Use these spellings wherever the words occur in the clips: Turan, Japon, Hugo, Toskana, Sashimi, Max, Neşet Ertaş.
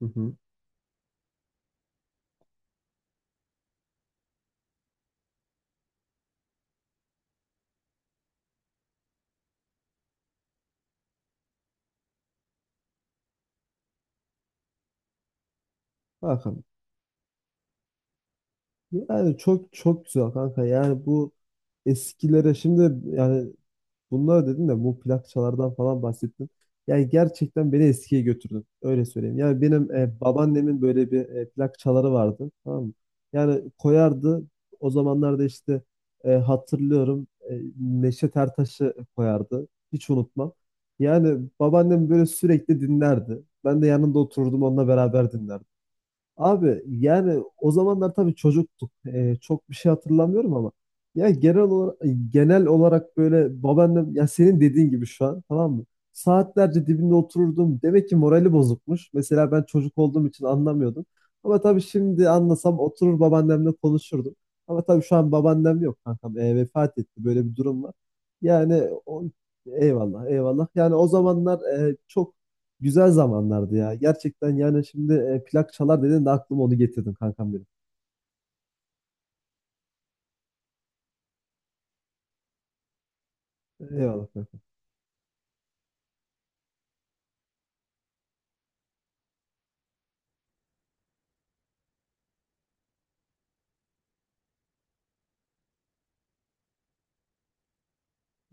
Hı hı. Kanka, yani çok güzel kanka. Yani bu eskilere şimdi yani bunlar dedin de bu plakçalardan falan bahsettin. Yani gerçekten beni eskiye götürdün. Öyle söyleyeyim. Yani benim babaannemin böyle bir plak vardı. Tamam mı? Yani koyardı. O zamanlarda işte hatırlıyorum Neşet Ertaş'ı koyardı. Hiç unutmam. Yani babaannem böyle sürekli dinlerdi. Ben de yanında otururdum onunla beraber dinlerdim. Abi yani o zamanlar tabii çocuktuk. Çok bir şey hatırlamıyorum ama ya genel olarak genel olarak böyle babaannem ya senin dediğin gibi şu an tamam mı? Saatlerce dibinde otururdum. Demek ki morali bozukmuş. Mesela ben çocuk olduğum için anlamıyordum. Ama tabii şimdi anlasam oturur babaannemle konuşurdum. Ama tabii şu an babaannem yok kankam. Vefat etti. Böyle bir durum var. Yani o, eyvallah eyvallah. Yani o zamanlar çok güzel zamanlardı ya. Gerçekten yani şimdi plak çalar dedin de aklıma onu getirdim kankam benim. Eyvallah kankam.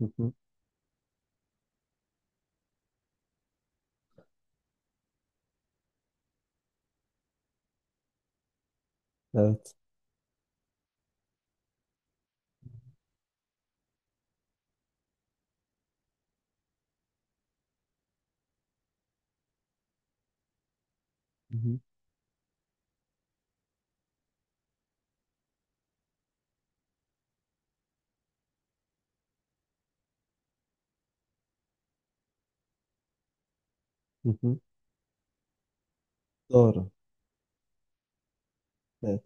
Hı hı. Evet. Hı hı. Hı hı. Doğru. Evet.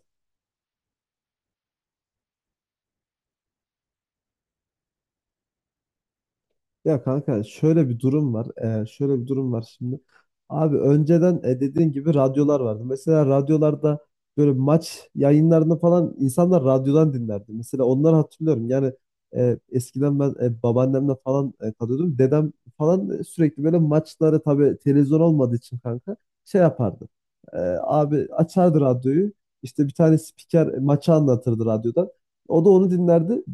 Ya kanka şöyle bir durum var. Şöyle bir durum var şimdi. Abi önceden dediğin gibi radyolar vardı. Mesela radyolarda böyle maç yayınlarını falan insanlar radyodan dinlerdi. Mesela onları hatırlıyorum. Yani eskiden ben babaannemle falan kalıyordum. Dedem falan sürekli böyle maçları tabii televizyon olmadığı için kanka şey yapardı. E, Abi açardı radyoyu. İşte bir tane spiker maçı anlatırdı radyodan. O da onu dinlerdi.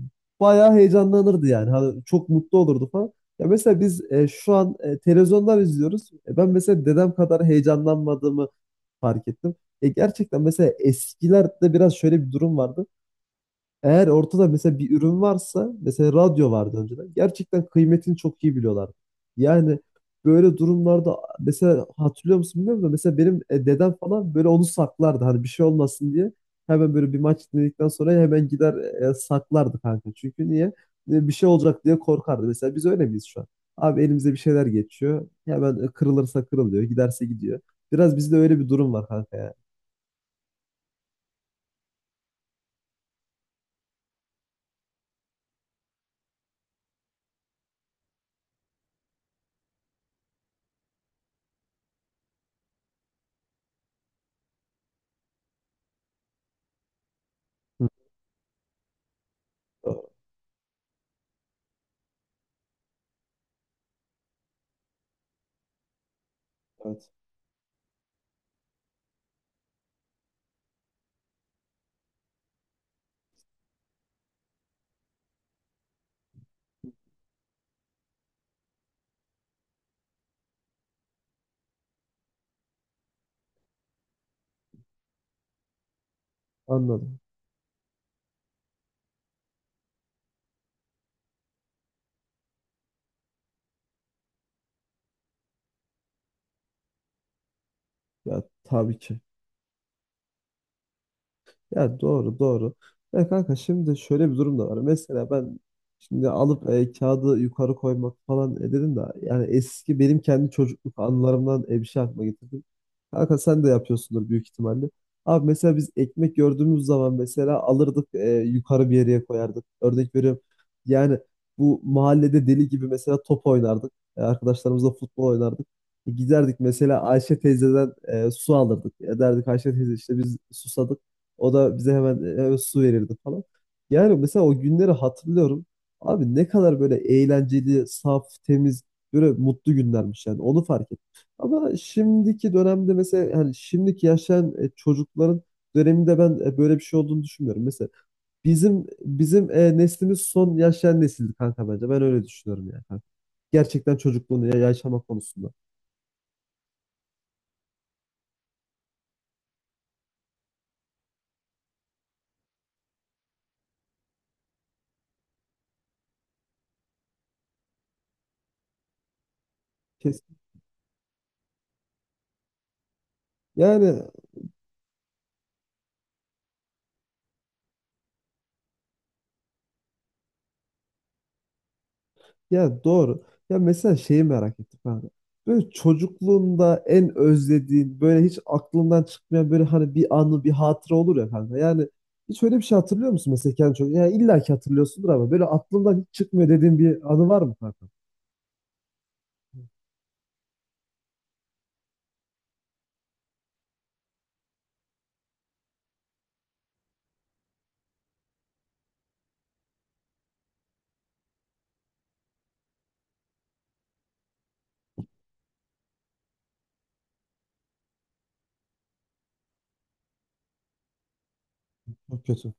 Bayağı heyecanlanırdı yani. Hani çok mutlu olurdu falan. Ya mesela biz şu an televizyondan izliyoruz. Ben mesela dedem kadar heyecanlanmadığımı fark ettim. Gerçekten mesela eskilerde biraz şöyle bir durum vardı. Eğer ortada mesela bir ürün varsa, mesela radyo vardı önceden. Gerçekten kıymetini çok iyi biliyorlardı. Yani böyle durumlarda mesela hatırlıyor musun bilmiyorum da mesela benim dedem falan böyle onu saklardı. Hani bir şey olmasın diye. Hemen böyle bir maç dinledikten sonra hemen gider saklardı kanka. Çünkü niye? Bir şey olacak diye korkardı. Mesela biz öyle miyiz şu an? Abi elimize bir şeyler geçiyor. Hemen kırılırsa kırılıyor, giderse gidiyor. Biraz bizde öyle bir durum var kanka ya. Hı. Doğru. Evet, anladım. Ya tabii ki. Ya doğru doğru. Ya kanka şimdi şöyle bir durum da var. Mesela ben şimdi alıp kağıdı yukarı koymak falan dedim de yani eski benim kendi çocukluk anılarımdan bir şey aklıma getirdim. Kanka sen de yapıyorsundur büyük ihtimalle. Abi mesela biz ekmek gördüğümüz zaman mesela alırdık yukarı bir yere koyardık. Örnek veriyorum. Yani bu mahallede deli gibi mesela top oynardık. Arkadaşlarımızla futbol oynardık. Giderdik mesela Ayşe teyzeden su alırdık. Derdik Ayşe teyze işte biz susadık. O da bize hemen su verirdi falan. Yani mesela o günleri hatırlıyorum. Abi ne kadar böyle eğlenceli, saf, temiz, böyle mutlu günlermiş yani. Onu fark ettim. Ama şimdiki dönemde mesela yani şimdiki yaşayan çocukların döneminde ben böyle bir şey olduğunu düşünmüyorum. Mesela bizim neslimiz son yaşayan nesildi kanka bence. Ben öyle düşünüyorum yani. Kanka. Gerçekten çocukluğunu yaşama konusunda. Kesin. Yani ya doğru. Ya mesela şeyi merak ettim kanka. Böyle çocukluğunda en özlediğin, böyle hiç aklından çıkmayan böyle hani bir anı, bir hatıra olur ya kanka. Yani hiç öyle bir şey hatırlıyor musun mesela kendi çocukluğunda? Yani illa ki hatırlıyorsundur ama böyle aklından hiç çıkmıyor dediğin bir anı var mı kanka? Çok kötü.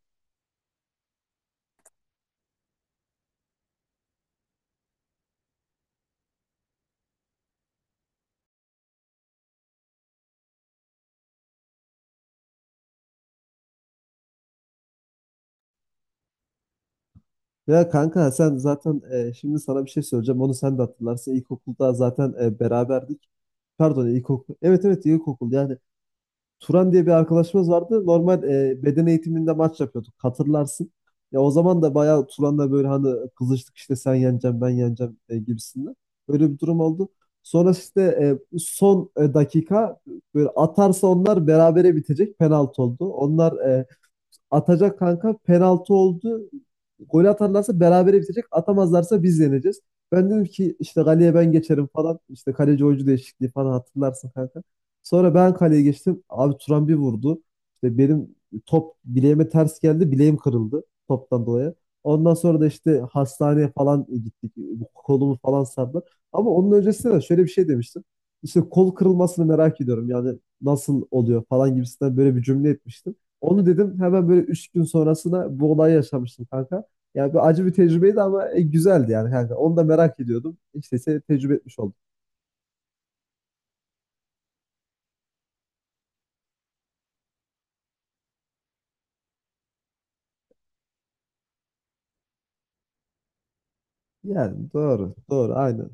Ya kanka sen zaten şimdi sana bir şey söyleyeceğim. Onu sen de hatırlarsın. İlkokulda zaten beraberdik. Pardon ilkokul. Evet evet ilkokul. Yani Turan diye bir arkadaşımız vardı. Normal beden eğitiminde maç yapıyorduk. Hatırlarsın. Ya o zaman da bayağı Turan'la böyle hani kızıştık işte sen yeneceksin ben yeneceğim gibisinden. Böyle bir durum oldu. Sonra işte dakika böyle atarsa onlar berabere bitecek penaltı oldu. Onlar atacak kanka. Penaltı oldu. Gol atarlarsa berabere bitecek. Atamazlarsa biz yeneceğiz. Ben dedim ki işte kaleye ben geçerim falan. İşte kaleci oyuncu değişikliği falan hatırlarsın kanka. Sonra ben kaleye geçtim. Abi Turan bir vurdu. İşte benim top bileğime ters geldi. Bileğim kırıldı toptan dolayı. Ondan sonra da işte hastaneye falan gittik. Kolumu falan sardılar. Ama onun öncesinde de şöyle bir şey demiştim. İşte kol kırılmasını merak ediyorum. Yani nasıl oluyor falan gibisinden böyle bir cümle etmiştim. Onu dedim hemen böyle 3 gün sonrasında bu olayı yaşamıştım kanka. Yani bir acı bir tecrübeydi ama güzeldi yani kanka. Onu da merak ediyordum. İşte seni tecrübe etmiş oldum. Yani doğru, doğru, aynen.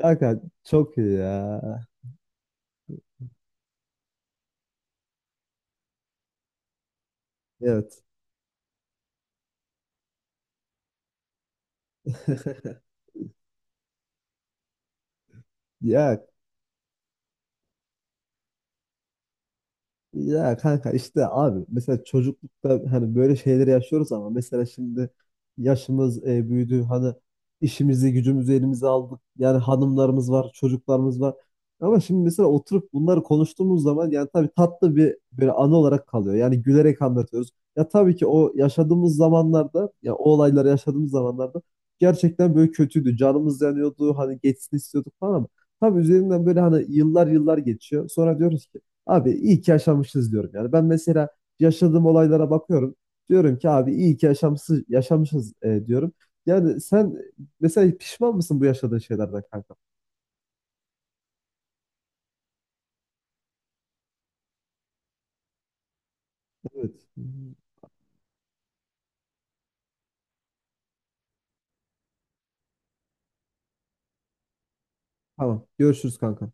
Kanka çok iyi ya. Evet. Ya ya kanka işte abi mesela çocuklukta hani böyle şeyleri yaşıyoruz ama mesela şimdi yaşımız büyüdü hani işimizi gücümüzü elimize aldık yani hanımlarımız var çocuklarımız var ama şimdi mesela oturup bunları konuştuğumuz zaman yani tabii tatlı bir böyle anı olarak kalıyor yani gülerek anlatıyoruz ya tabii ki o yaşadığımız zamanlarda ya o olayları yaşadığımız zamanlarda gerçekten böyle kötüydü canımız yanıyordu hani geçsin istiyorduk falan ama tabii üzerinden böyle hani yıllar geçiyor sonra diyoruz ki abi iyi ki yaşamışız diyorum. Yani ben mesela yaşadığım olaylara bakıyorum. Diyorum ki abi iyi ki yaşamsız, yaşamışız diyorum. Yani sen mesela pişman mısın bu yaşadığın şeylerden kanka? Evet. Tamam. Görüşürüz kanka.